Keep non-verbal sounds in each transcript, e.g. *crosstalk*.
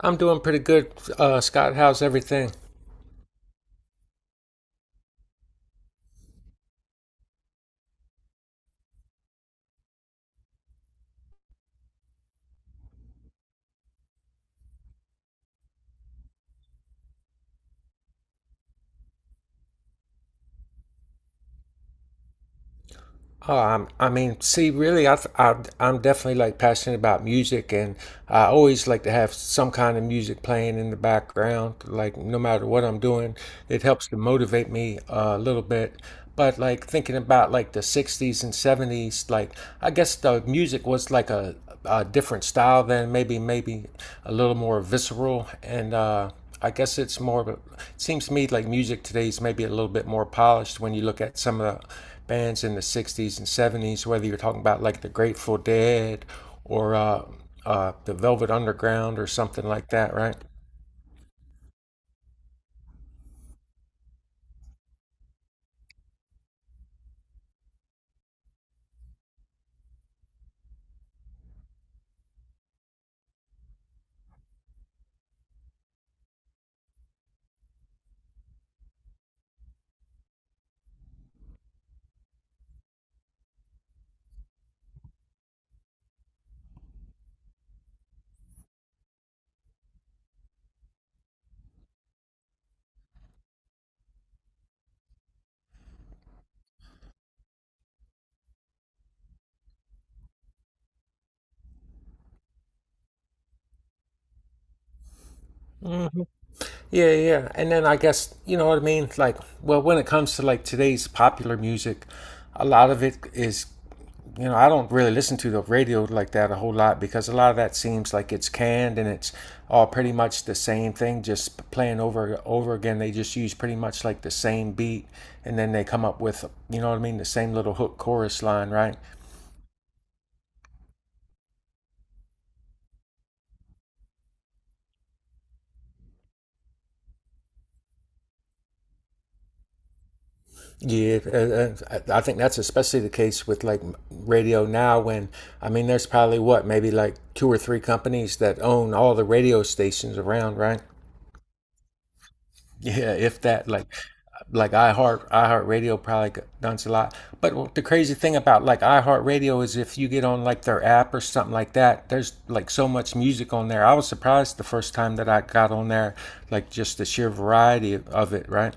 I'm doing pretty good, Scott. How's everything? Oh, I'm, I mean, see, really, I, I'm definitely like passionate about music, and I always like to have some kind of music playing in the background. Like, no matter what I'm doing, it helps to motivate me a little bit. But like thinking about like the '60s and '70s, like I guess the music was like a different style then, maybe a little more visceral, and I guess it's more. It seems to me like music today is maybe a little bit more polished when you look at some of the bands in the '60s and '70s. Whether you're talking about like the Grateful Dead or the Velvet Underground or something like that, right? Yeah, yeah, yeah. And then I guess, you know what I mean? Like, well, when it comes to like today's popular music, a lot of it is, you know, I don't really listen to the radio like that a whole lot because a lot of that seems like it's canned and it's all pretty much the same thing, just playing over again. They just use pretty much like the same beat and then they come up with, you know what I mean, the same little hook chorus line, right? Yeah, and- I think that's especially the case with like radio now. When I mean, there's probably what maybe like two or three companies that own all the radio stations around, right? Yeah, if that, like iHeart, iHeartRadio probably does a lot. But the crazy thing about like iHeartRadio is if you get on like their app or something like that, there's like so much music on there. I was surprised the first time that I got on there, like just the sheer variety of it, right?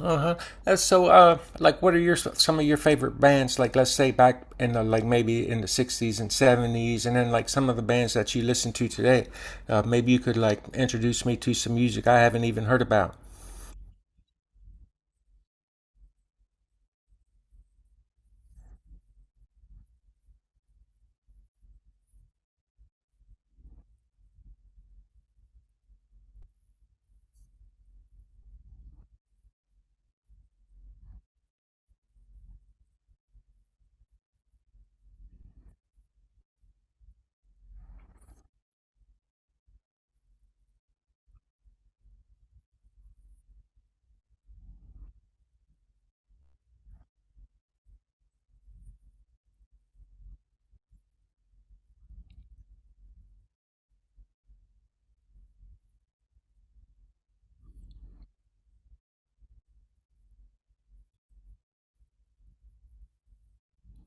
Uh-huh. So, like, what are your some of your favorite bands? Like, let's say back in the like maybe in the '60s and '70s, and then like some of the bands that you listen to today. Maybe you could like introduce me to some music I haven't even heard about.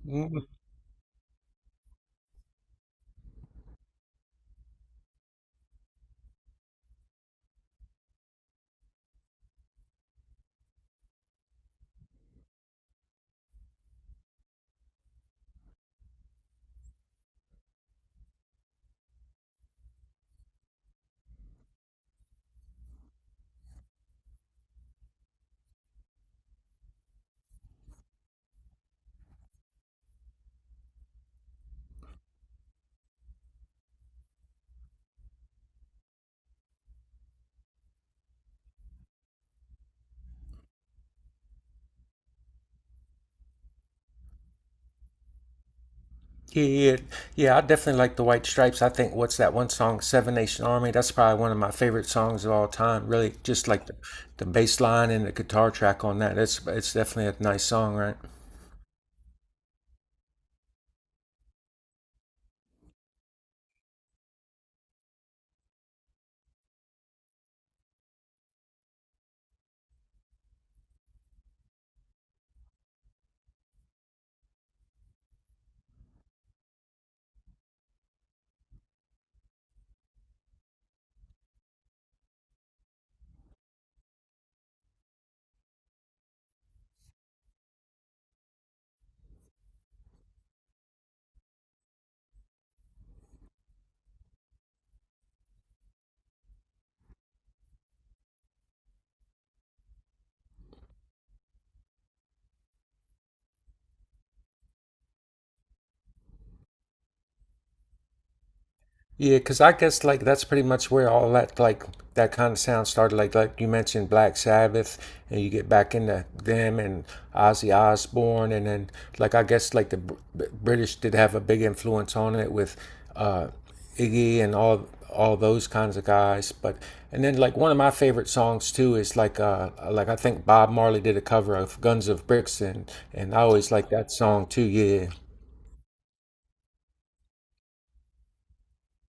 Mm. Yeah, yeah, yeah. I definitely like the White Stripes. I think what's that one song, Seven Nation Army? That's probably one of my favorite songs of all time. Really, just like the bass line and the guitar track on that. It's definitely a nice song, right? Yeah, because I guess like that's pretty much where all that like that kind of sound started. Like you mentioned Black Sabbath, and you get back into them and Ozzy Osbourne, and then like I guess like the British did have a big influence on it with uh, Iggy and all those kinds of guys. But and then like one of my favorite songs too is like I think Bob Marley did a cover of Guns of Brixton, and I always like that song too. Yeah,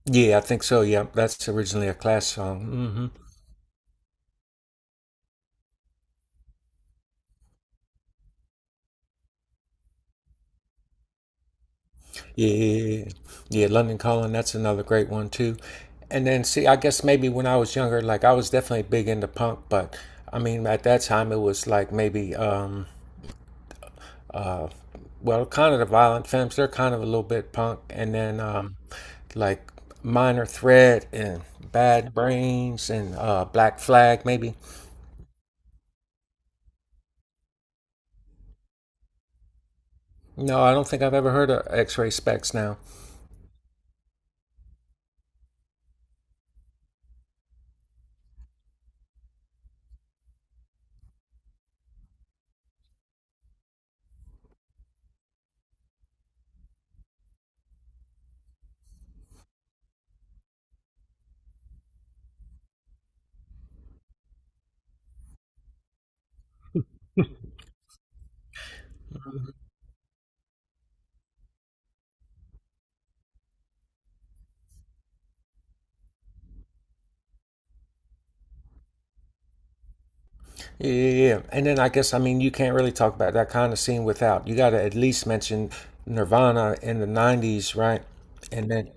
yeah, I think so. Yeah, that's originally a Clash song. Hmm. Yeah, yeah, London Calling, that's another great one too. And then, see, I guess maybe when I was younger, like I was definitely big into punk, but I mean, at that time, it was like maybe, well, kind of the violent femmes, they're kind of a little bit punk, and then like Minor Threat and Bad Brains and Black Flag, maybe. No, I don't think I've ever heard of X Ray Specs now. Yeah, yeah, yeah. And then I guess I mean you can't really talk about that kind of scene without you got to at least mention Nirvana in the '90s, right? And then,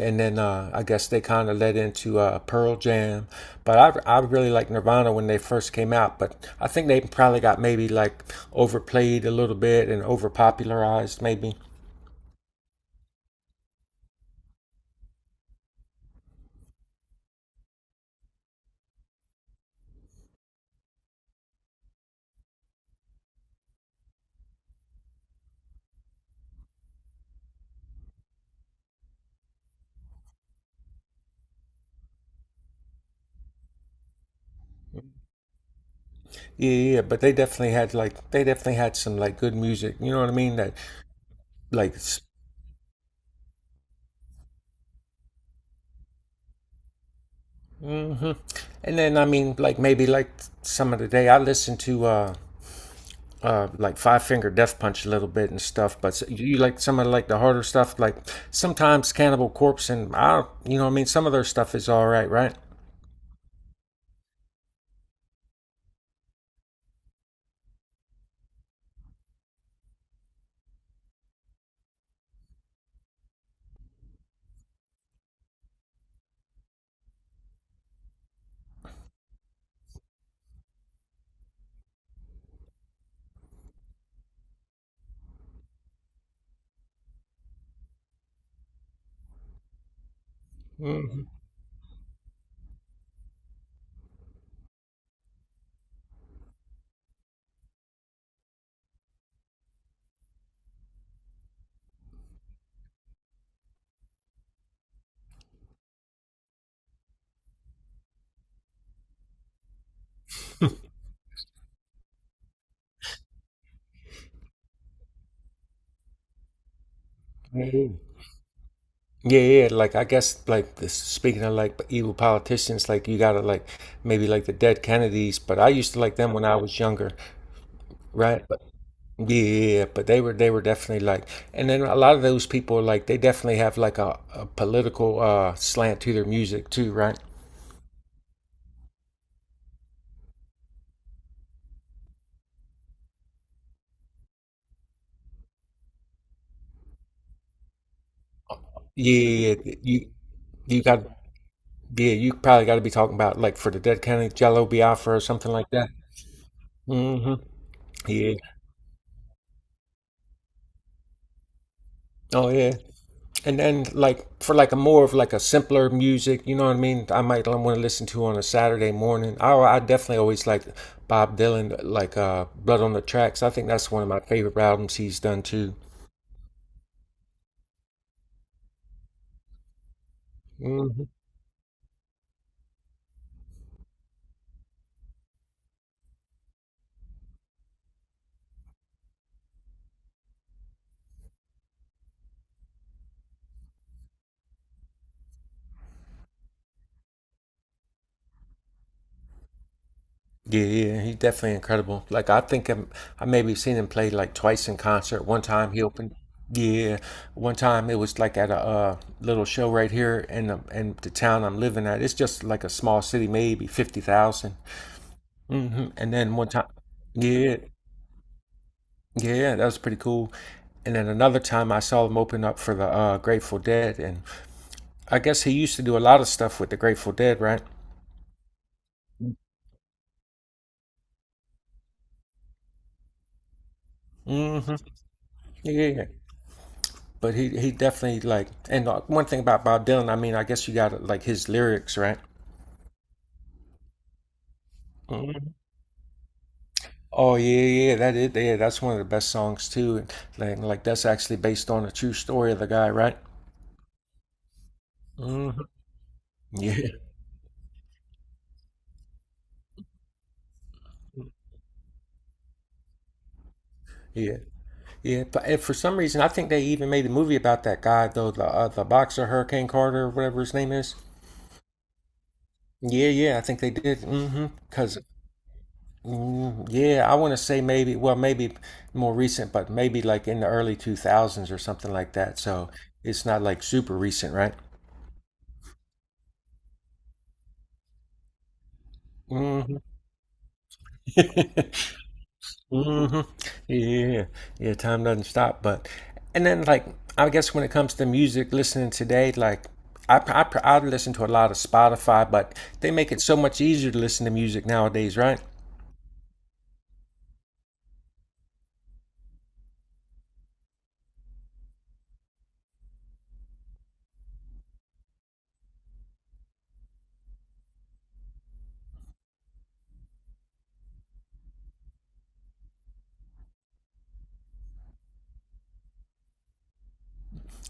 and then I guess they kind of led into Pearl Jam. But I really like Nirvana when they first came out, but I think they probably got maybe like overplayed a little bit and overpopularized maybe. Yeah, yeah, yeah. But they definitely had like they definitely had some like good music. You know what I mean? That like hmm. And then I mean, like maybe like some of the day I listen to like Five Finger Death Punch a little bit and stuff. But you you like some of like the harder stuff, like sometimes Cannibal Corpse and I, you know, what I mean, some of their stuff is all right, right? Hmm. Yeah, yeah. Like I guess like this, speaking of like evil politicians, like you gotta like maybe like the dead Kennedys, but I used to like them when I was younger, right? Yeah, yeah, yeah, but they were definitely like, and then a lot of those people like they definitely have like a political slant to their music too, right? Yeah, you you got yeah, you probably got to be talking about like for the Dead Kennedy, Jello Biafra or something like that. Hmm. Yeah. Oh yeah. And then like for like a more of like a simpler music, you know what I mean? I might want to listen to on a Saturday morning. I definitely always like Bob Dylan, like Blood on the Tracks. I think that's one of my favorite albums he's done too. Yeah, yeah, he's definitely incredible. I maybe seen him play like twice in concert. One time he opened, yeah, one time it was like at a little show right here in the town I'm living at. It's just like a small city, maybe 50,000. Mm-hmm. And then one time, yeah, yeah, that was pretty cool. And then another time I saw him open up for the Grateful Dead, and I guess he used to do a lot of stuff with the Grateful Dead, right? Mm-hmm. Yeah, yeah, yeah. But he definitely like and one thing about Bob Dylan, I mean, I guess you got like his lyrics, right? Mhm. Oh yeah, yeah, that is yeah, that's one of the best songs too. And like that's actually based on a true story of the guy, right? Mhm. Yeah, yeah, yeah. But and for some reason, I think they even made a movie about that guy though, the boxer Hurricane Carter, or whatever his name is. Yeah, yeah, I think they did. Mm-hmm. Because. Yeah, I want to say maybe, well, maybe more recent, but maybe like in the early 2000s or something like that. So it's not like super recent, right? Hmm. *laughs* Hmm. Yeah. Yeah, time doesn't stop, but and then like I guess when it comes to music listening today, like I listen to a lot of Spotify, but they make it so much easier to listen to music nowadays, right?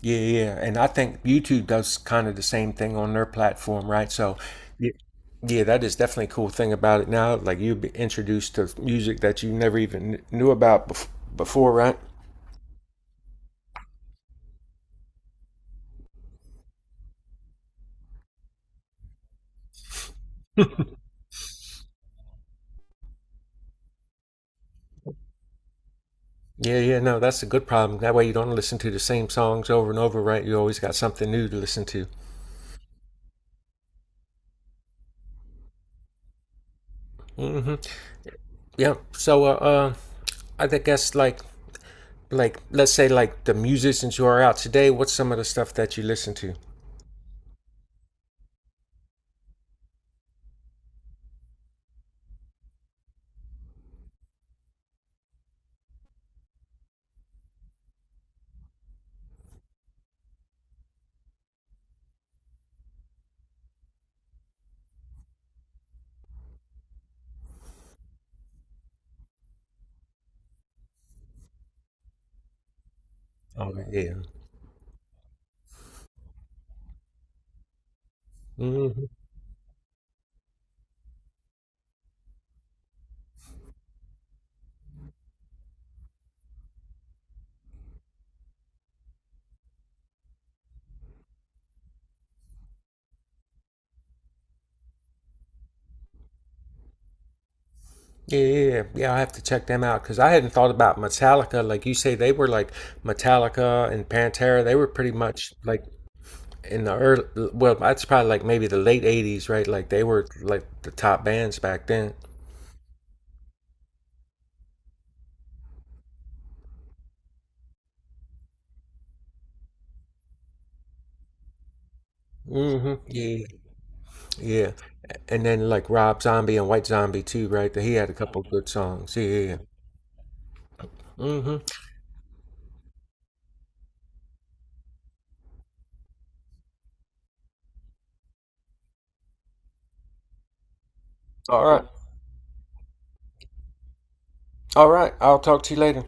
Yeah, yeah, yeah. And I think YouTube does kind of the same thing on their platform, right? So, yeah, yeah, that is definitely a cool thing about it now. Like you be introduced to music that you never even knew about before, right? Yeah, yeah, no, that's a good problem. That way you don't listen to the same songs over and over, right? You always got something new to listen to. Hmm. Yeah. So, I think that's like, let's say like the musicians who are out today, what's some of the stuff that you listen to? Oh, yeah. Yeah, yeah, yeah. Yeah, I have to check them out because I hadn't thought about Metallica. Like you say, they were like Metallica and Pantera. They were pretty much like in the early, well, that's probably like maybe the late '80s, right? Like they were like the top bands back then. Hmm. Yeah. Yeah. And then like Rob Zombie and White Zombie too, right? He had a couple good songs. Yeah. Mm-hmm. All right. All right. I'll talk to you later.